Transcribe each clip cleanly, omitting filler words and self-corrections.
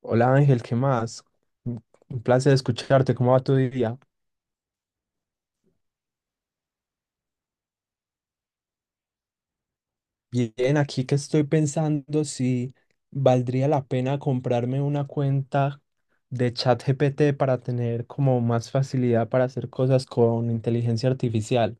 Hola Ángel, ¿qué más? Un un placer escucharte, ¿cómo va tu día? Bien, aquí que estoy pensando si valdría la pena comprarme una cuenta de ChatGPT para tener como más facilidad para hacer cosas con inteligencia artificial.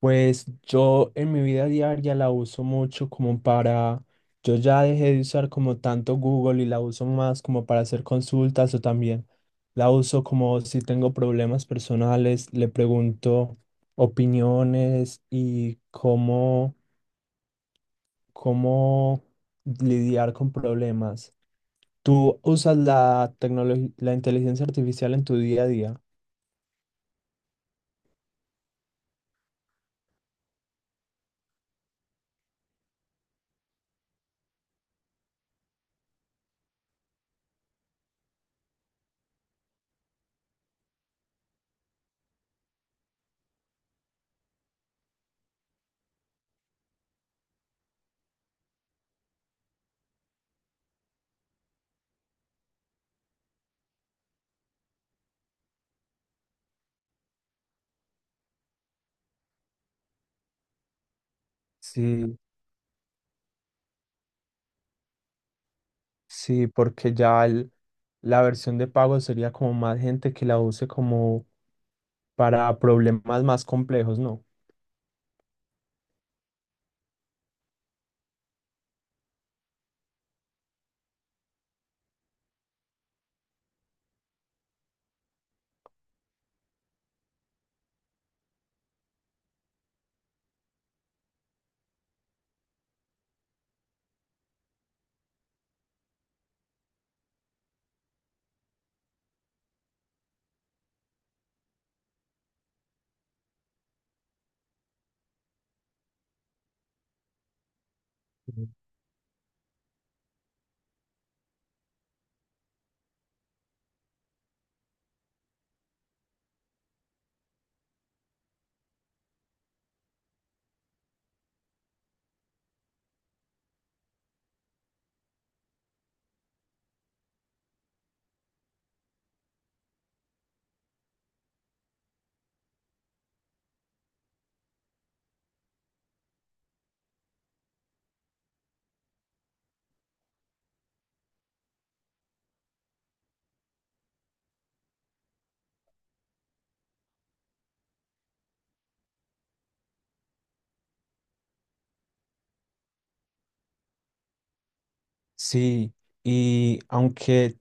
Pues yo en mi vida diaria la uso mucho como para, yo ya dejé de usar como tanto Google y la uso más como para hacer consultas o también la uso como si tengo problemas personales, le pregunto opiniones y cómo, cómo lidiar con problemas. ¿Tú usas la tecnología, la inteligencia artificial en tu día a día? Sí, sí, porque ya la versión de pago sería como más gente que la use como para problemas más complejos, ¿no? Ujú. Sí, y aunque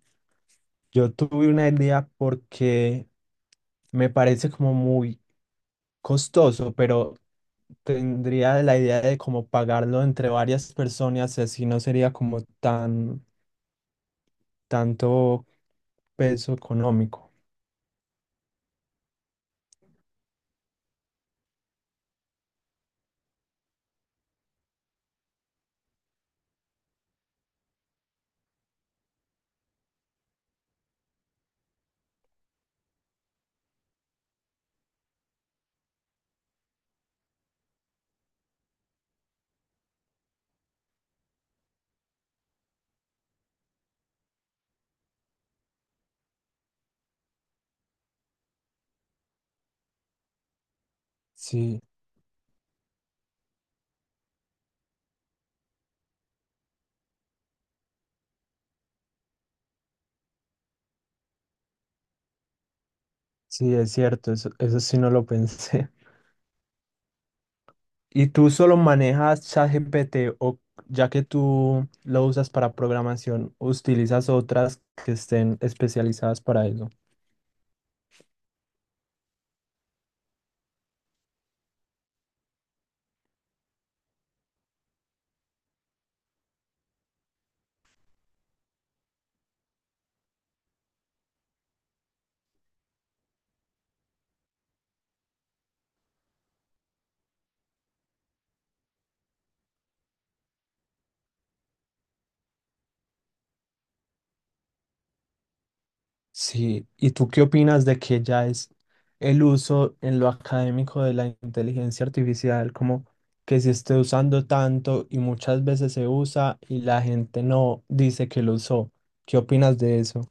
yo tuve una idea porque me parece como muy costoso, pero tendría la idea de como pagarlo entre varias personas, así no sería como tan tanto peso económico. Sí, sí, es cierto, eso sí no lo pensé. ¿Y tú solo manejas ChatGPT o ya que tú lo usas para programación, utilizas otras que estén especializadas para eso? Sí. ¿Y tú qué opinas de que ya es el uso en lo académico de la inteligencia artificial, como que se esté usando tanto y muchas veces se usa y la gente no dice que lo usó? ¿Qué opinas de eso?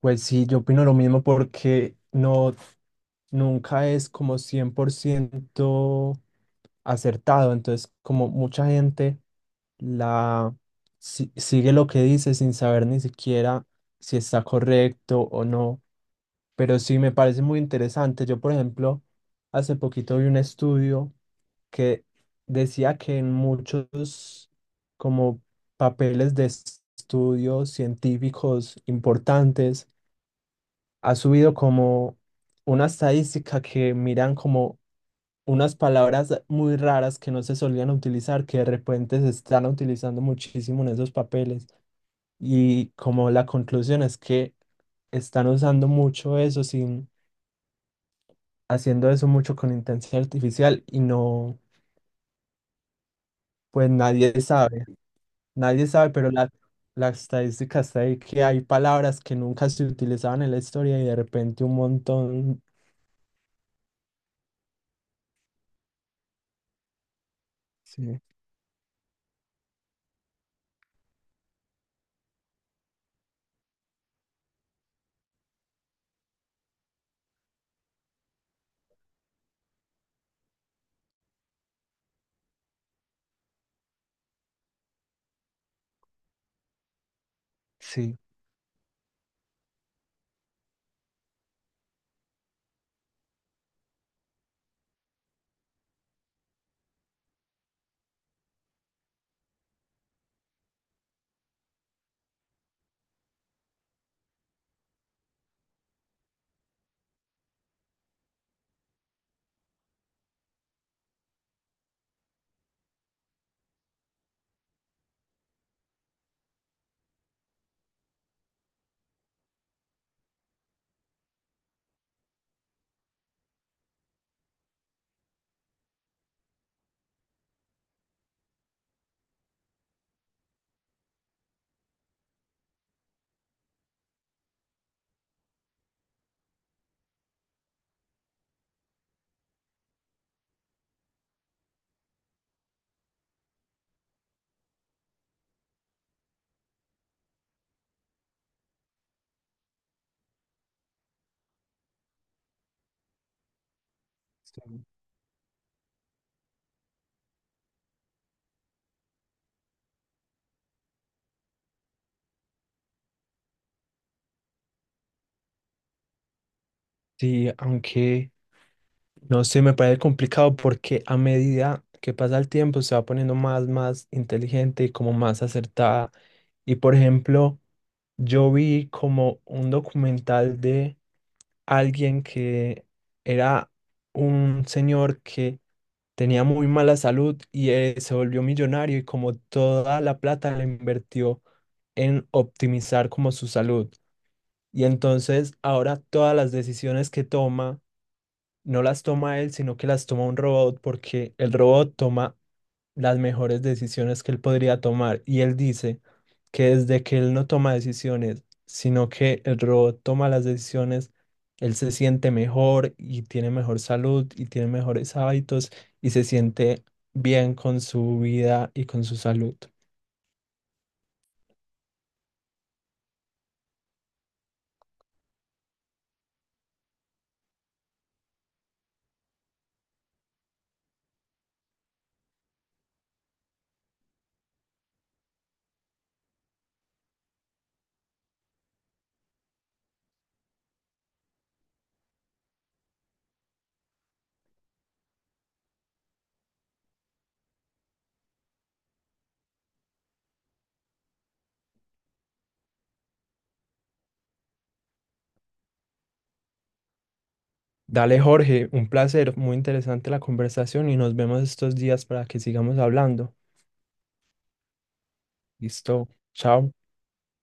Pues sí, yo opino lo mismo porque no, nunca es como 100% acertado. Entonces, como mucha gente la sigue lo que dice sin saber ni siquiera si está correcto o no. Pero sí me parece muy interesante. Yo, por ejemplo, hace poquito vi un estudio que decía que en muchos como papeles de estudios científicos importantes ha subido como una estadística que miran como unas palabras muy raras que no se solían utilizar, que de repente se están utilizando muchísimo en esos papeles. Y como la conclusión es que están usando mucho eso sin, haciendo eso mucho con intensidad artificial y no, pues nadie sabe, nadie sabe, pero la estadística está ahí que hay palabras que nunca se utilizaban en la historia y de repente un montón, sí, sí, sí. Sí, aunque no sé, me parece complicado porque a medida que pasa el tiempo se va poniendo más, más inteligente y como más acertada. Y por ejemplo, yo vi como un documental de alguien que era un señor que tenía muy mala salud y se volvió millonario y como toda la plata la invirtió en optimizar como su salud. Y entonces ahora todas las decisiones que toma no las toma él, sino que las toma un robot porque el robot toma las mejores decisiones que él podría tomar. Y él dice que desde que él no toma decisiones, sino que el robot toma las decisiones, él se siente mejor y tiene mejor salud y tiene mejores hábitos y se siente bien con su vida y con su salud. Dale, Jorge, un placer, muy interesante la conversación y nos vemos estos días para que sigamos hablando. Listo, chao.